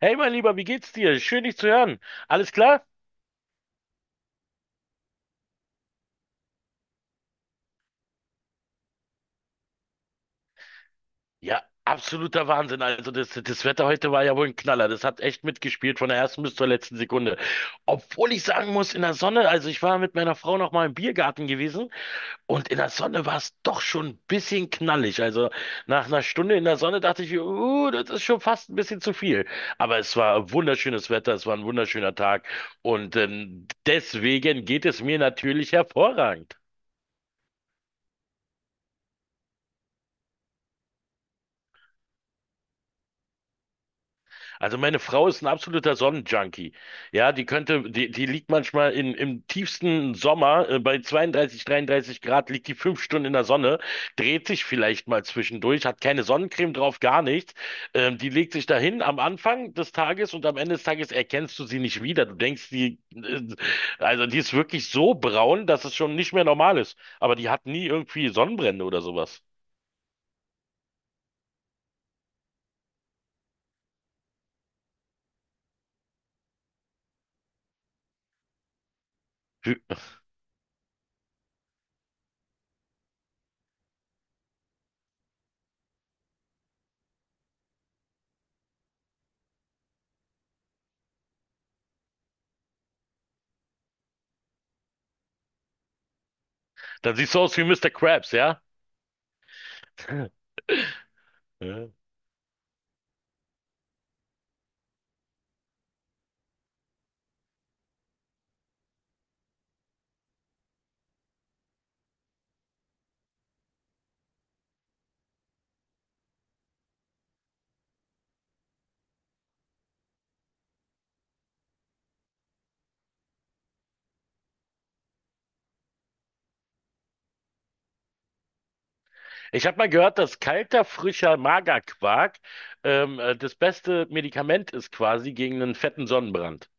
Hey, mein Lieber, wie geht's dir? Schön, dich zu hören. Alles klar? Ja, absoluter Wahnsinn. Also, das Wetter heute war ja wohl ein Knaller. Das hat echt mitgespielt von der ersten bis zur letzten Sekunde. Obwohl ich sagen muss, in der Sonne, also ich war mit meiner Frau noch mal im Biergarten gewesen und in der Sonne war es doch schon ein bisschen knallig. Also, nach einer Stunde in der Sonne dachte ich, das ist schon fast ein bisschen zu viel. Aber es war wunderschönes Wetter, es war ein wunderschöner Tag und deswegen geht es mir natürlich hervorragend. Also meine Frau ist ein absoluter Sonnenjunkie. Ja, die liegt manchmal im tiefsten Sommer, bei 32, 33 Grad, liegt die 5 Stunden in der Sonne, dreht sich vielleicht mal zwischendurch, hat keine Sonnencreme drauf, gar nichts. Die legt sich dahin am Anfang des Tages und am Ende des Tages erkennst du sie nicht wieder. Du denkst, also die ist wirklich so braun, dass es schon nicht mehr normal ist. Aber die hat nie irgendwie Sonnenbrände oder sowas. Wie- Dann siehst du aus wie Mister Krabs, ja? Ich habe mal gehört, dass kalter, frischer Magerquark das beste Medikament ist quasi gegen einen fetten Sonnenbrand.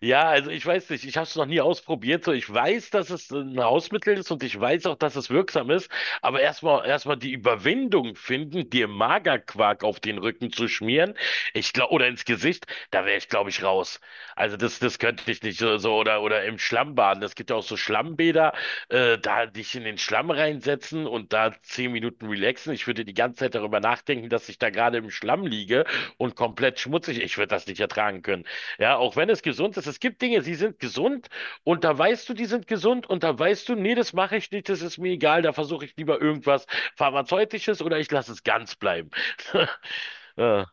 Ja, also ich weiß nicht, ich habe es noch nie ausprobiert. So, ich weiß, dass es ein Hausmittel ist und ich weiß auch, dass es wirksam ist. Aber erstmal die Überwindung finden, dir Magerquark auf den Rücken zu schmieren, ich glaube, oder ins Gesicht, da wäre ich, glaube ich, raus. Also das könnte ich nicht. So, oder im Schlamm baden. Es gibt ja auch so Schlammbäder, da dich in den Schlamm reinsetzen und da 10 Minuten relaxen. Ich würde die ganze Zeit darüber nachdenken, dass ich da gerade im Schlamm liege und komplett schmutzig. Ich würde das nicht ertragen können. Ja, auch wenn es gesund ist. Es gibt Dinge, sie sind gesund und da weißt du, die sind gesund und da weißt du, nee, das mache ich nicht, das ist mir egal, da versuche ich lieber irgendwas Pharmazeutisches oder ich lasse es ganz bleiben. Ja.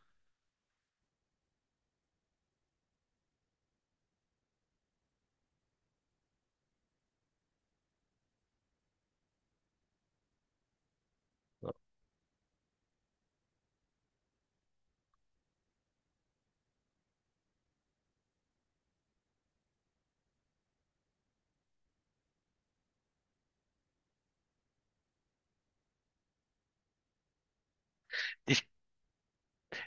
Ich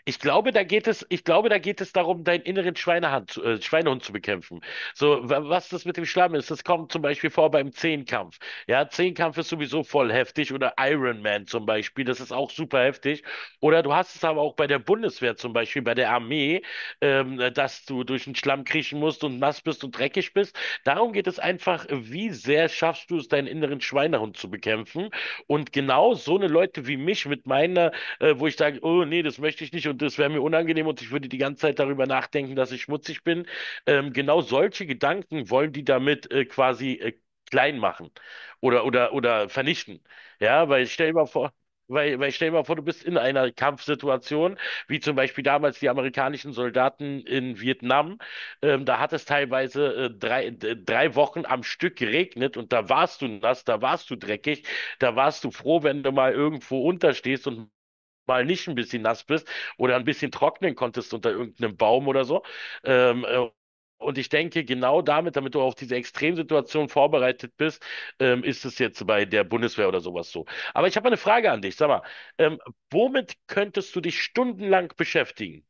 Ich glaube, da geht es, ich glaube, da geht es darum, deinen inneren Schweinehund zu bekämpfen. So, was das mit dem Schlamm ist, das kommt zum Beispiel vor beim Zehnkampf. Ja, Zehnkampf ist sowieso voll heftig oder Iron Man zum Beispiel, das ist auch super heftig. Oder du hast es aber auch bei der Bundeswehr zum Beispiel, bei der Armee, dass du durch den Schlamm kriechen musst und nass bist und dreckig bist. Darum geht es einfach, wie sehr schaffst du es, deinen inneren Schweinehund zu bekämpfen? Und genau so eine Leute wie mich mit meiner wo ich sage, oh nee, das möchte ich nicht und das wäre mir unangenehm und ich würde die ganze Zeit darüber nachdenken, dass ich schmutzig bin. Genau solche Gedanken wollen die damit quasi klein machen oder vernichten. Ja, weil stell dir mal vor, du bist in einer Kampfsituation, wie zum Beispiel damals die amerikanischen Soldaten in Vietnam. Da hat es teilweise 3 Wochen am Stück geregnet und da warst du nass, da warst du dreckig, da warst du froh, wenn du mal irgendwo unterstehst und mal nicht ein bisschen nass bist oder ein bisschen trocknen konntest unter irgendeinem Baum oder so. Ähm, äh, und ich denke, genau damit du auf diese Extremsituation vorbereitet bist, ist es jetzt bei der Bundeswehr oder sowas so. Aber ich habe eine Frage an dich. Sag mal, ähm, womit könntest du dich stundenlang beschäftigen?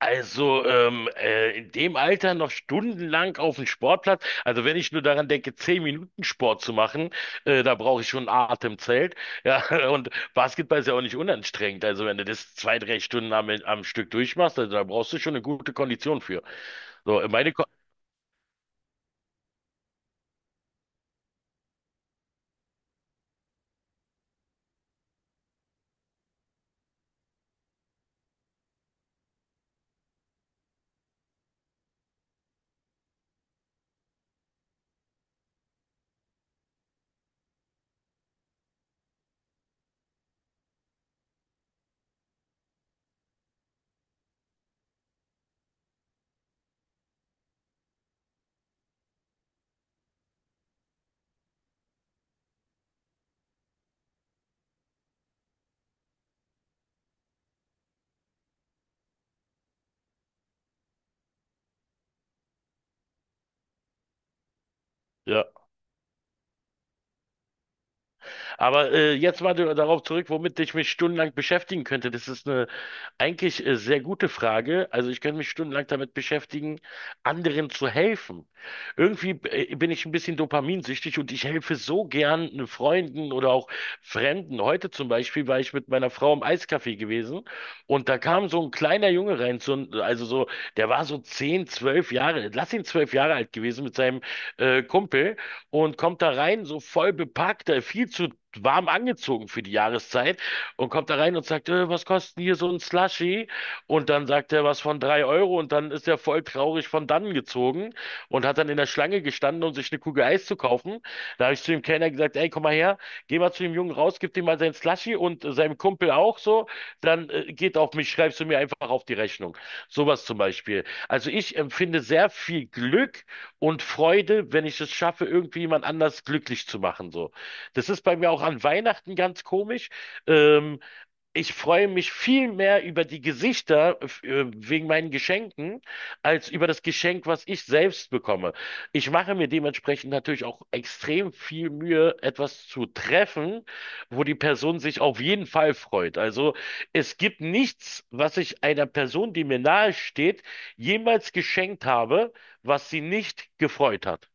Also in dem Alter noch stundenlang auf dem Sportplatz. Also wenn ich nur daran denke, 10 Minuten Sport zu machen, da brauche ich schon ein Atemzelt. Ja, und Basketball ist ja auch nicht unanstrengend. Also wenn du das 2, 3 Stunden am Stück durchmachst, also da brauchst du schon eine gute Kondition für. So, meine Ko, ja. Aber jetzt mal darauf zurück, womit ich mich stundenlang beschäftigen könnte. Das ist eine eigentlich sehr gute Frage. Also ich könnte mich stundenlang damit beschäftigen, anderen zu helfen. Irgendwie bin ich ein bisschen dopaminsüchtig und ich helfe so gern Freunden oder auch Fremden. Heute zum Beispiel war ich mit meiner Frau im Eiscafé gewesen und da kam so ein kleiner Junge rein, der war so 10, 12 Jahre, lass ihn 12 Jahre alt gewesen mit seinem Kumpel und kommt da rein, so voll bepackt, viel zu warm angezogen für die Jahreszeit und kommt da rein und sagt, was kostet hier so ein Slushy? Und dann sagt er was von 3 Euro und dann ist er voll traurig von dannen gezogen und hat dann in der Schlange gestanden, um sich eine Kugel Eis zu kaufen. Da habe ich zu dem Kellner gesagt, ey, komm mal her, geh mal zu dem Jungen raus, gib dem mal sein Slushy und seinem Kumpel auch so, dann geht auf mich, schreibst du mir einfach auf die Rechnung. Sowas zum Beispiel. Also ich empfinde sehr viel Glück und Freude, wenn ich es schaffe, irgendwie jemand anders glücklich zu machen. So. Das ist bei mir auch an Weihnachten ganz komisch. Ähm, ich freue mich viel mehr über die Gesichter wegen meinen Geschenken als über das Geschenk, was ich selbst bekomme. Ich mache mir dementsprechend natürlich auch extrem viel Mühe, etwas zu treffen, wo die Person sich auf jeden Fall freut. Also es gibt nichts, was ich einer Person, die mir nahe steht, jemals geschenkt habe, was sie nicht gefreut hat.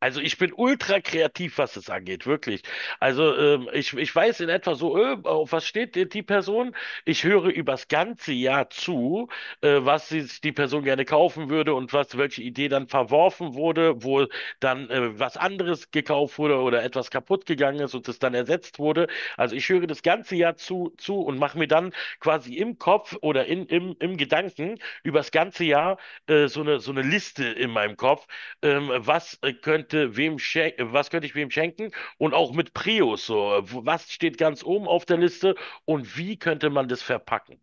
Also ich bin ultra kreativ, was es angeht, wirklich. Also ich weiß in etwa so, auf was steht die Person? Ich höre übers ganze Jahr zu, was sich die Person gerne kaufen würde und was, welche Idee dann verworfen wurde, wo dann was anderes gekauft wurde oder etwas kaputt gegangen ist und es dann ersetzt wurde. Also ich höre das ganze Jahr zu und mache mir dann quasi im Kopf oder im Gedanken übers ganze Jahr so eine Liste in meinem Kopf was könnte ich wem schenken und auch mit Prius so, was steht ganz oben auf der Liste und wie könnte man das verpacken?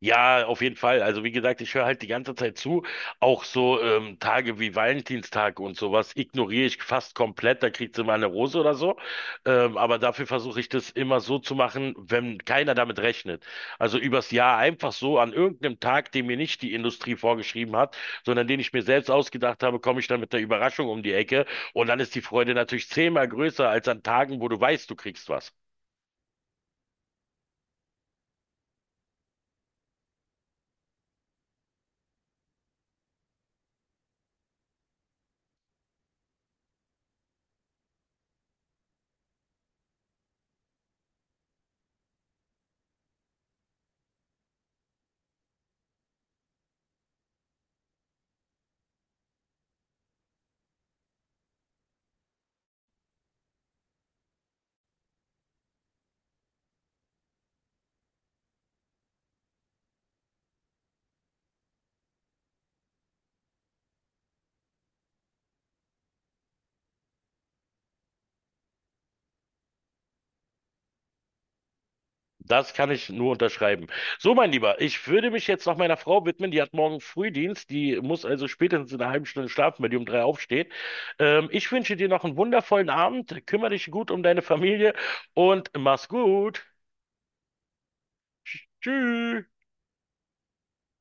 Ja, auf jeden Fall. Also wie gesagt, ich höre halt die ganze Zeit zu. Auch so Tage wie Valentinstag und sowas ignoriere ich fast komplett. Da kriegt sie mal eine Rose oder so. Aber dafür versuche ich das immer so zu machen, wenn keiner damit rechnet. Also übers Jahr einfach so an irgendeinem Tag, den mir nicht die Industrie vorgeschrieben hat, sondern den ich mir selbst ausgedacht habe, komme ich dann mit der Überraschung um die Ecke. Und dann ist die Freude natürlich zehnmal größer als an Tagen, wo du weißt, du kriegst was. Das kann ich nur unterschreiben. So, mein Lieber, ich würde mich jetzt noch meiner Frau widmen. Die hat morgen Frühdienst. Die muss also spätestens in einer halben Stunde schlafen, wenn die um drei aufsteht. Ich wünsche dir noch einen wundervollen Abend. Kümmere dich gut um deine Familie und mach's gut. Tschüss.